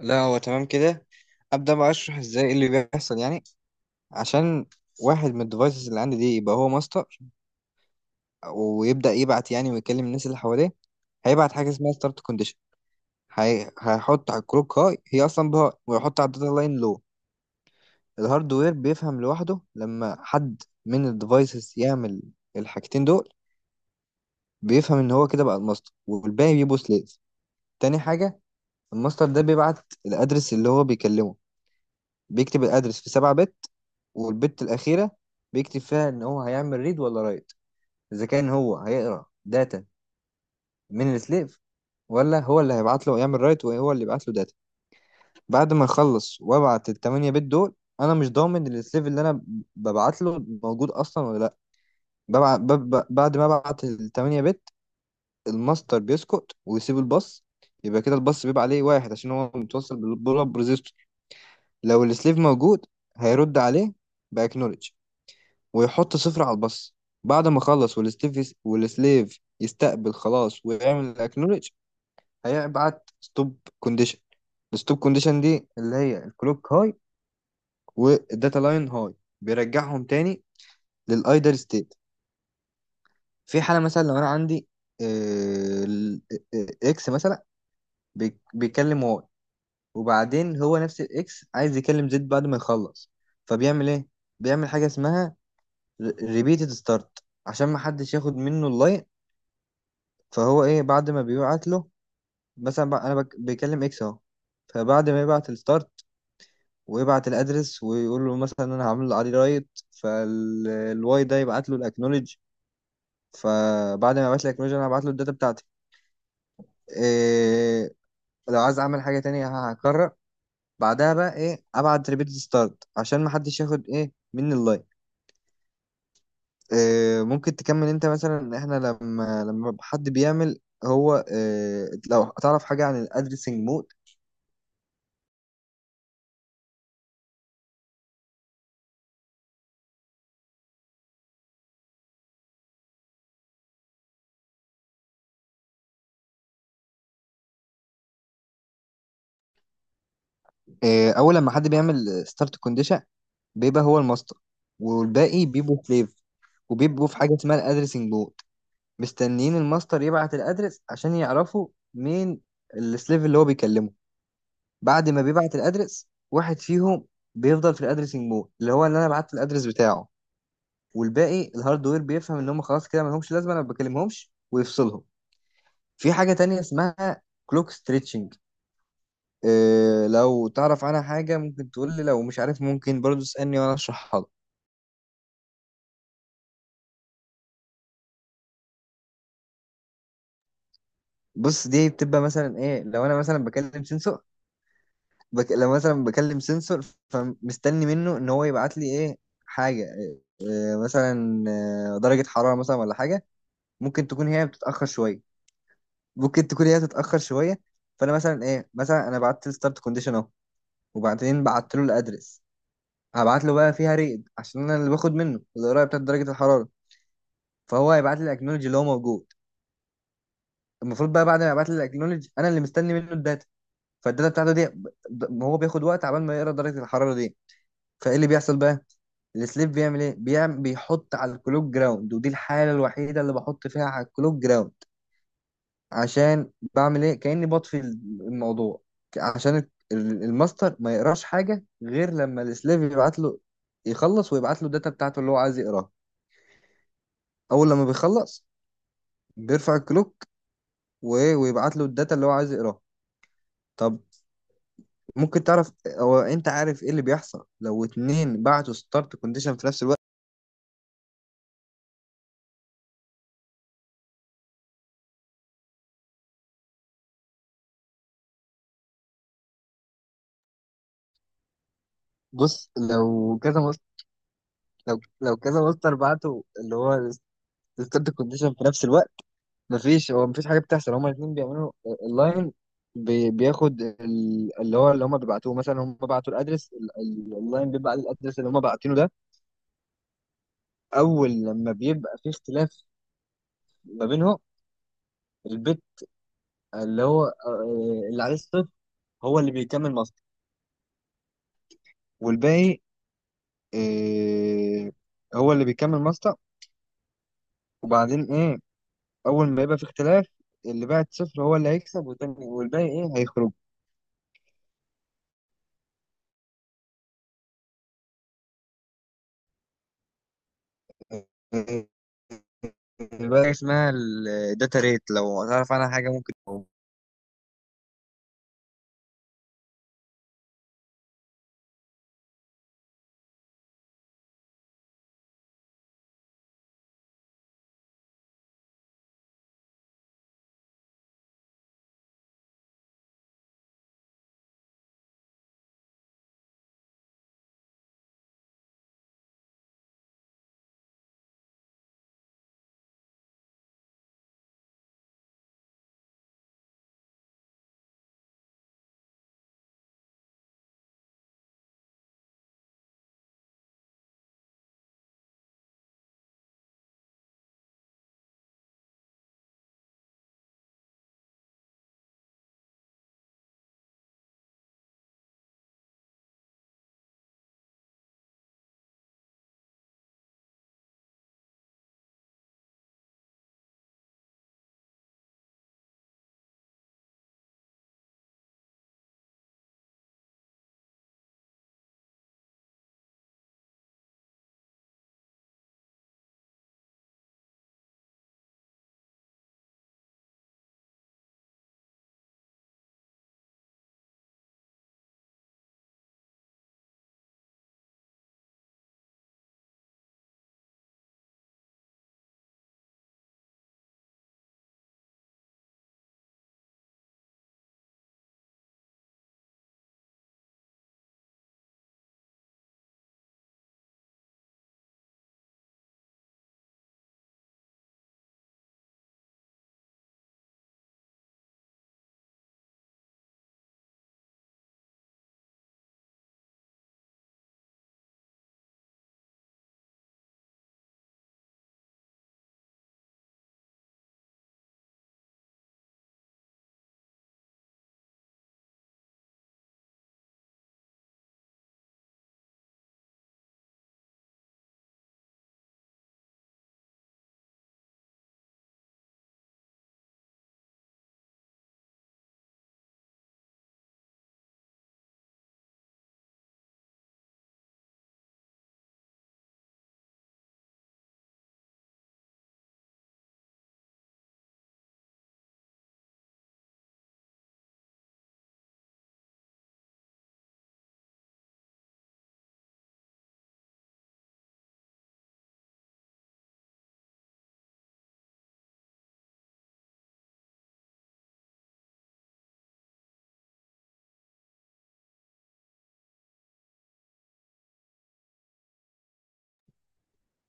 لا، هو تمام كده. ابدا بقى اشرح ازاي إيه اللي بيحصل يعني. عشان واحد من الديفايسز اللي عندي دي يبقى هو ماستر ويبدا يبعت يعني ويكلم الناس اللي حواليه. هيبعت حاجه اسمها ستارت كونديشن. هيحط على الكروك هاي، هي اصلا بهاي، ويحط على الداتا لاين. لو الهاردوير بيفهم لوحده لما حد من الديفايسز يعمل الحاجتين دول، بيفهم ان هو كده بقى الماستر والباقي بيبقوا سليف. تاني حاجه، الماستر ده بيبعت الادرس اللي هو بيكلمه. بيكتب الادرس في 7 بت، والبت الاخيره بيكتب فيها ان هو هيعمل ريد ولا رايت. اذا كان هو هيقرا داتا من السليف، ولا هو اللي هيبعت له يعمل رايت وهو اللي يبعت له داتا. بعد ما اخلص وابعت التمانية بت دول، انا مش ضامن إن السليف اللي انا ببعت له موجود اصلا ولا لا. بعد ما ابعت التمانية بت، الماستر بيسكت ويسيب الباص. يبقى كده الباص بيبقى عليه واحد عشان هو متوصل بالبول اب ريزيستور. لو السليف موجود هيرد عليه باكنولج ويحط صفر على الباص. بعد ما خلص، والستيف والسليف يستقبل خلاص ويعمل الاكنولج، هيبعت ستوب كونديشن. الستوب كونديشن دي اللي هي الكلوك هاي والداتا لاين هاي، بيرجعهم تاني للايدل ستيت. في حالة مثلا لو انا عندي آه، ال- اكس مثلا، بيكلم واي، وبعدين هو نفس الاكس عايز يكلم زد بعد ما يخلص. فبيعمل ايه؟ بيعمل حاجة اسمها ريبيتد ستارت عشان ما حدش ياخد منه اللاين. فهو ايه بعد ما بيبعت له؟ مثلا بقى انا بيكلم اكس اهو. فبعد ما يبعت الستارت ويبعت الادرس ويقول له مثلا انا هعمل عليه رايت، فالواي ده يبعت له الاكنولج. فبعد ما يبعت لي الاكنولج، انا هبعت له الداتا بتاعتي. إيه، لو عايز اعمل حاجه تانية هكرر. بعدها بقى ايه؟ ابعت ريبيت ستارت عشان ما حدش ياخد ايه مني اللاين. إيه، ممكن تكمل انت مثلا؟ احنا لما حد بيعمل، هو إيه لو تعرف حاجه عن الادرسنج مود؟ اول لما حد بيعمل ستارت كونديشن، بيبقى هو الماستر والباقي بيبقوا سليف، وبيبقوا في حاجه اسمها الادرسنج بورد، مستنيين الماستر يبعت الادرس عشان يعرفوا مين السليف اللي هو بيكلمه. بعد ما بيبعت الادرس، واحد فيهم بيفضل في الادرسنج بورد، اللي هو اللي انا بعت الادرس بتاعه، والباقي الهاردوير بيفهم ان هم خلاص كده ما لهمش لازمه، انا ما بكلمهمش ويفصلهم. في حاجه تانية اسمها كلوك ستريتشنج. إيه، لو تعرف عنها حاجة ممكن تقول لي، لو مش عارف ممكن برضو تسألني وأنا أشرحها لك. بص، دي بتبقى مثلا إيه؟ لو أنا مثلا بكلم سنسور، لو مثلا بكلم سنسور، فمستني منه إن هو يبعت لي إيه؟ حاجة إيه مثلا؟ درجة حرارة مثلا ولا حاجة. ممكن تكون هي بتتأخر شوية. ممكن تكون هي بتتأخر شوية فأنا مثلا إيه، مثلا أنا بعت له ستارت كونديشن أهو، وبعدين بعت له الأدرس، هبعت له بقى فيها ريد عشان أنا اللي باخد منه القراية بتاعت درجة الحرارة. فهو هيبعت لي الأكنولوجي اللي هو موجود. المفروض بقى بعد ما يبعت لي الاكنولج، انا اللي مستني منه الداتا. فالداتا بتاعته دي هو بياخد وقت عبال ما يقرا درجه الحراره دي. فايه اللي بيحصل بقى؟ السليب بيعمل ايه؟ بيعمل، بيحط على الكلوك جراوند، ودي الحاله الوحيده اللي بحط فيها على الكلوك جراوند. عشان بعمل ايه؟ كاني بطفي الموضوع، عشان الماستر ما يقراش حاجه غير لما السليف يبعت له، يخلص ويبعت له الداتا بتاعته اللي هو عايز يقراها. اول لما بيخلص بيرفع الكلوك ويبعت له الداتا اللي هو عايز يقراها. طب، ممكن تعرف، هو انت عارف ايه اللي بيحصل لو اتنين بعتوا ستارت كونديشن في نفس الوقت؟ بص، لو كذا مصدر، لو كذا مصدر بعتوا اللي هو ستارت كونديشن في نفس الوقت، مفيش، هو مفيش حاجه بتحصل، هما الاتنين بيعملوا اللاين. بياخد اللي هو اللي هما بيبعتوه، مثلا هما بعتوا الادرس اللاين بيبعت الادرس اللي هما باعتينه ده. اول لما بيبقى في اختلاف ما بينهم، البت اللي هو اللي عليه الصفر هو اللي بيكمل مصدر، والباقي إيه، هو اللي بيكمل ماستا. وبعدين ايه، اول ما يبقى في اختلاف، اللي بعد صفر هو اللي هيكسب، والتاني والباقي ايه، هيخرج. إيه، بقى اسمها الداتا ريت، لو تعرف عنها حاجة ممكن.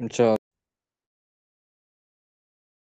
ان شاء